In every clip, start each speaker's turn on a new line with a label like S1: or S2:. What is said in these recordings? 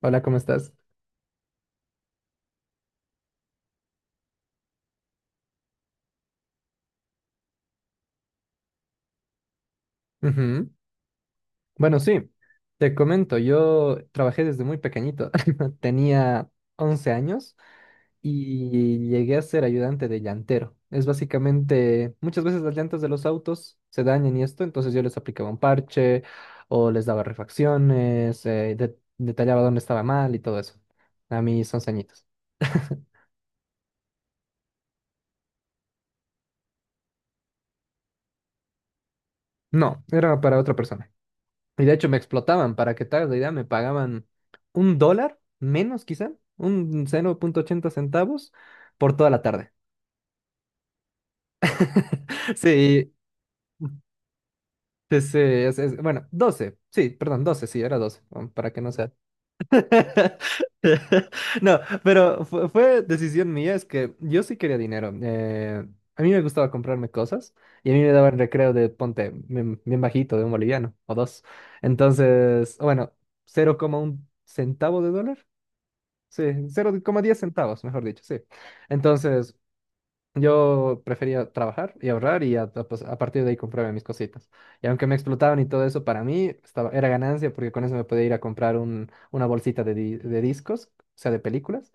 S1: Hola, ¿cómo estás? Ujú. Bueno, sí, te comento, yo trabajé desde muy pequeñito, tenía 11 años y llegué a ser ayudante de llantero. Es básicamente, muchas veces las llantas de los autos se dañan y esto, entonces yo les aplicaba un parche o les daba refacciones, detallaba dónde estaba mal y todo eso, a mis 11 añitos. No, era para otra persona. Y de hecho me explotaban, para que te hagas la idea, me pagaban un dólar menos quizá, un 0,80 centavos por toda la tarde. Sí, sí, bueno, 12 sí, perdón, 12 sí, era 12 para que no sea. No, pero fue decisión mía, es que yo sí quería dinero. A mí me gustaba comprarme cosas y a mí me daban recreo de, ponte, bien, bien bajito, de un boliviano o dos. Entonces, bueno, 0,1 centavo de dólar. Sí, 0,10 centavos, mejor dicho, sí. Entonces, yo prefería trabajar y ahorrar pues, a partir de ahí comprarme mis cositas. Y aunque me explotaban y todo eso, para mí era ganancia porque con eso me podía ir a comprar una bolsita de, de discos, o sea, de películas,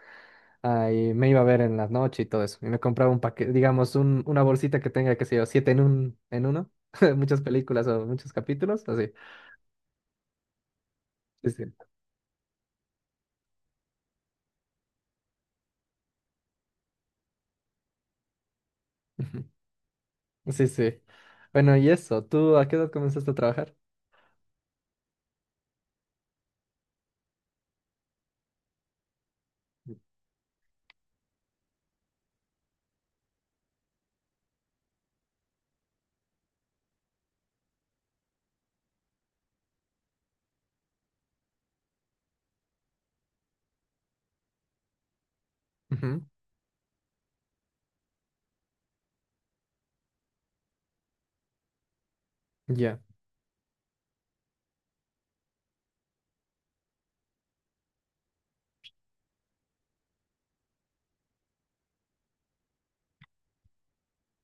S1: ah, y me iba a ver en la noche y todo eso. Y me compraba un paquete, digamos, una bolsita que tenga, qué sé yo, siete en uno, muchas películas o muchos capítulos, así. Sí, sí. Ujú. Sí, sí. Bueno, y eso, ¿tú a qué edad comenzaste a trabajar? Ujú. Ya,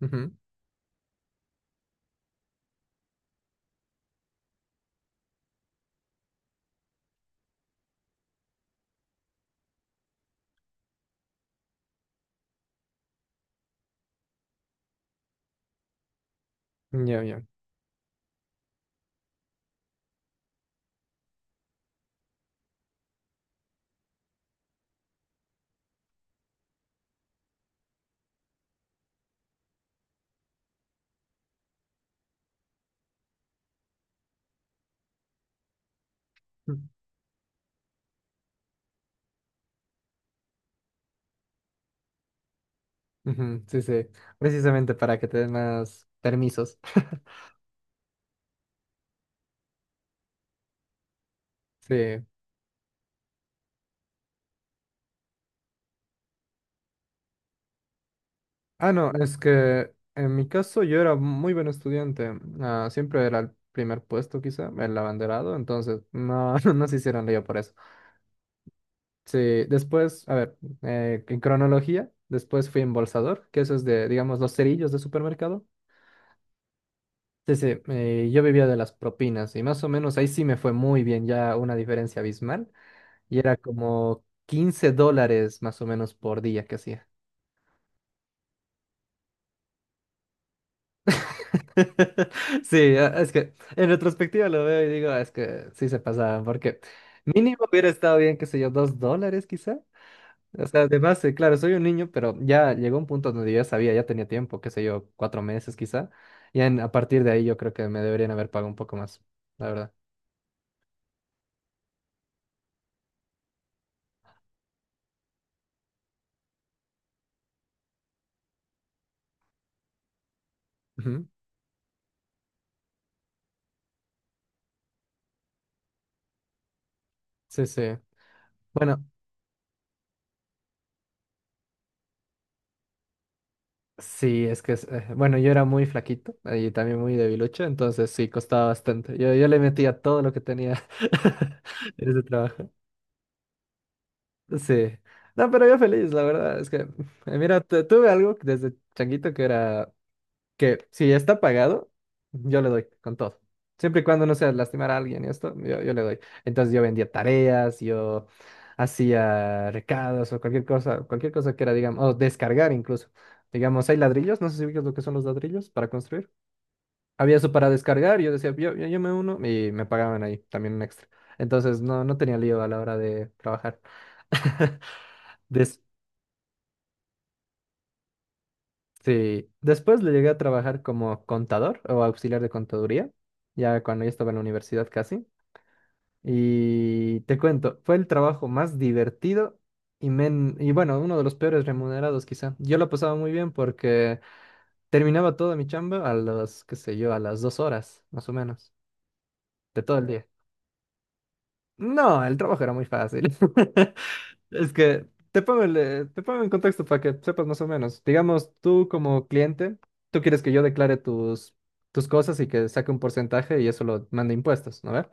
S1: ujú, ya, ya. Mm, ujú, sí, sí. Precisamente para que te den más permisos. Sí. Ah, no, es que en mi caso yo era muy buen estudiante. Ah, siempre era el primer puesto, quizá, el abanderado. Entonces, no, no se hicieron lío por eso. Sí, después, a ver, en cronología, después fui embolsador, que eso es de, digamos, los cerillos de supermercado. Sí, sí, yo vivía de las propinas y más o menos ahí sí me fue muy bien, ya una diferencia abismal. Y era como $15 más o menos por día que hacía. Sí, es que en retrospectiva lo veo y digo, es que sí se pasaban, porque mínimo hubiera estado bien, qué sé yo, $2 quizá. O sea, además, claro, soy un niño, pero ya llegó un punto donde yo ya sabía, ya tenía tiempo, qué sé yo, 4 meses quizá. A partir de ahí yo creo que me deberían haber pagado un poco más, la verdad. Ujú. Sí, sí. Bueno. Sí, bueno, yo era muy flaquito y también muy debilucho, entonces sí, costaba bastante. Yo le metía todo lo que tenía en ese trabajo. Sí. No, pero yo feliz, la verdad. Mira, tuve algo desde changuito que era que si ya está pagado, yo le doy con todo. Siempre y cuando no sea lastimar a alguien y esto, yo le doy. Entonces yo vendía tareas, yo hacía recados o cualquier cosa que era, digamos, o descargar incluso. Digamos, hay ladrillos, no sé si ubicas lo que son los ladrillos para construir. Había eso para descargar, yo decía, yo me uno y me pagaban ahí también un extra. Entonces no, no tenía lío a la hora de trabajar. Des- Sí, después le llegué a trabajar como contador o auxiliar de contaduría, ya cuando ya estaba en la universidad casi. Y te cuento, fue el trabajo más divertido y, y bueno, uno de los peores remunerados quizá. Yo lo pasaba muy bien porque terminaba toda mi chamba a las, qué sé yo, a las 2 horas, más o menos, de todo el día. No, el trabajo era muy fácil. Es que te pongo, te pongo en contexto para que sepas más o menos. Digamos, tú como cliente, tú quieres que yo declare tus cosas y que saque un porcentaje y eso lo mande a impuestos, ¿no ve?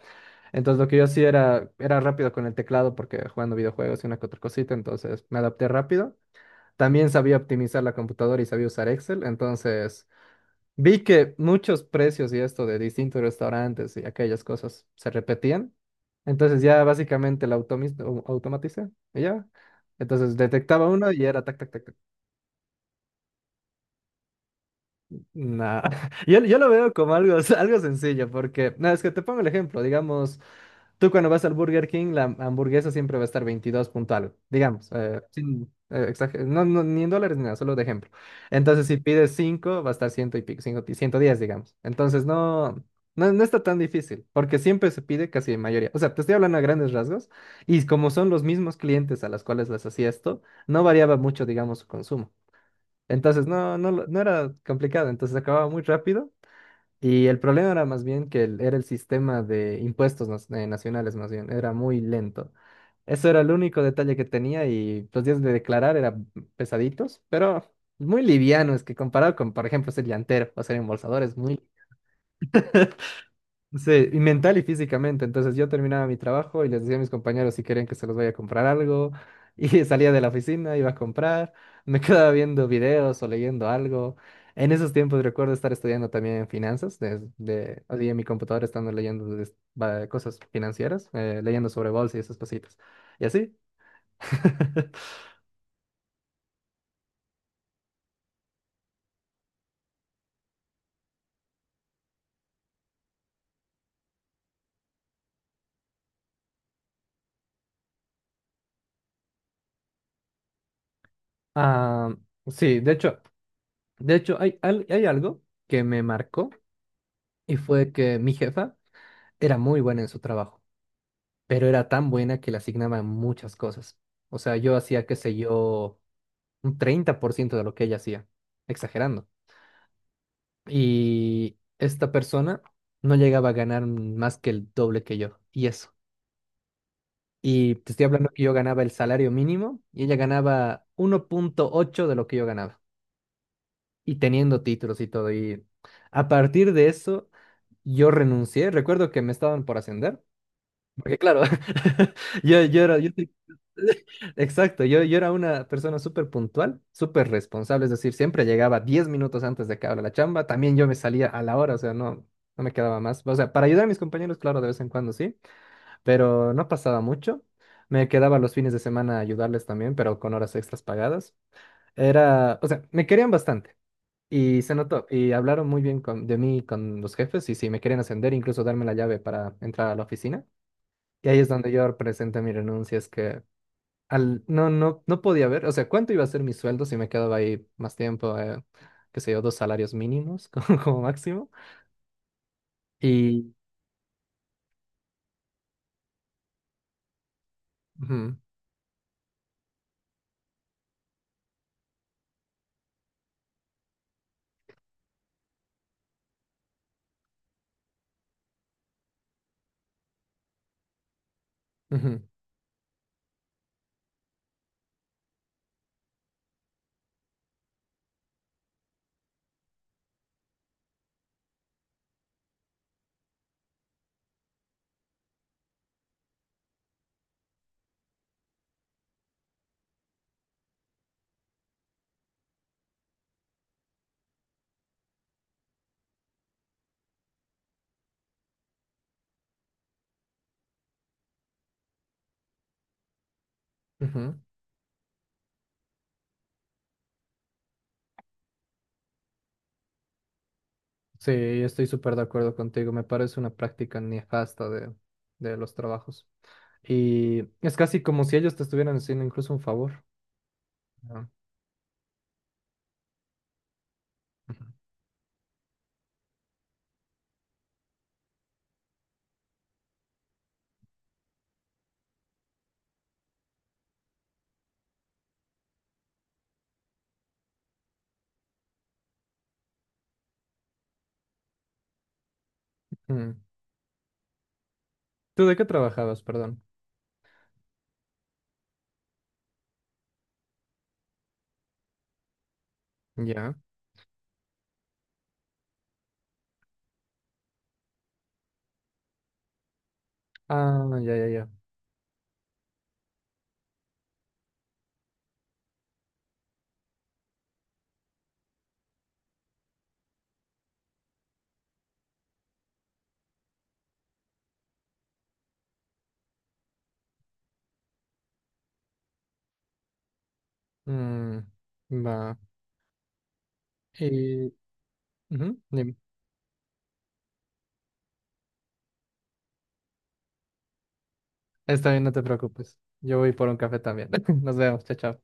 S1: Entonces lo que yo hacía era rápido con el teclado porque jugando videojuegos y una que otra cosita, entonces me adapté rápido. También sabía optimizar la computadora y sabía usar Excel, entonces vi que muchos precios y esto de distintos restaurantes y aquellas cosas se repetían. Entonces ya básicamente automaticé y ya. Entonces detectaba uno y era tac, tac, tac, tac. No, yo lo veo como algo, algo sencillo, porque, no, es que te pongo el ejemplo, digamos, tú cuando vas al Burger King, la hamburguesa siempre va a estar 22 punto algo digamos, sin, no, no, ni en dólares ni nada, solo de ejemplo. Entonces, si pides 5 va a estar ciento y pico, 5 y 110, digamos. Entonces, no está tan difícil, porque siempre se pide casi en mayoría. O sea, te estoy hablando a grandes rasgos, y como son los mismos clientes a los cuales les hacía esto, no variaba mucho, digamos, su consumo. Entonces, no era complicado, entonces acababa muy rápido y el problema era más bien que era el sistema de impuestos nacionales, más bien, era muy lento. Eso era el único detalle que tenía y los días de declarar eran pesaditos, pero muy livianos, que comparado con, por ejemplo, ser llantero o ser embolsador es muy... Sí, y mental y físicamente. Entonces yo terminaba mi trabajo y les decía a mis compañeros si querían que se los vaya a comprar algo. Y salía de la oficina, iba a comprar, me quedaba viendo videos o leyendo algo. En esos tiempos recuerdo estar estudiando también finanzas, o sea, en mi computadora estando leyendo cosas financieras, leyendo sobre bolsa y esas cositas. Y así. Ah, sí, de hecho hay algo que me marcó y fue que mi jefa era muy buena en su trabajo. Pero era tan buena que le asignaban muchas cosas. O sea, yo hacía, qué sé yo, un 30% de lo que ella hacía, exagerando. Y esta persona no llegaba a ganar más que el doble que yo, y eso. Y te estoy hablando que yo ganaba el salario mínimo y ella ganaba 1,8 de lo que yo ganaba, y teniendo títulos y todo. Y a partir de eso, yo renuncié. Recuerdo que me estaban por ascender. Porque claro, yo soy- exacto, yo era una persona súper puntual, súper responsable, es decir, siempre llegaba 10 minutos antes de que abra la chamba, también yo me salía a la hora, o sea, no, no me quedaba más, o sea, para ayudar a mis compañeros, claro, de vez en cuando sí, pero no pasaba mucho, me quedaba los fines de semana a ayudarles también, pero con horas extras pagadas, era, o sea, me querían bastante. Y se notó, y hablaron muy bien de mí con los jefes, y sí, me querían ascender, incluso darme la llave para entrar a la oficina. Y ahí es donde yo presenté mi renuncia, es que no, no podía ver, o sea, cuánto iba a ser mi sueldo si me quedaba ahí más tiempo, qué sé yo, 2 salarios mínimos como, como máximo. Y ujú, ujú, ujú. Sí, estoy súper de acuerdo contigo, me parece una práctica nefasta de los trabajos. Y es casi como si ellos te estuvieran haciendo incluso un favor. ¿No? Ujú. Mm. ¿Tú de qué trabajabas, perdón? Ya. Ah, ya, ya, ya. Mm, va. Y... ujú, dime. Está bien, no te preocupes. Yo voy por un café también. Nos vemos, chao, chao.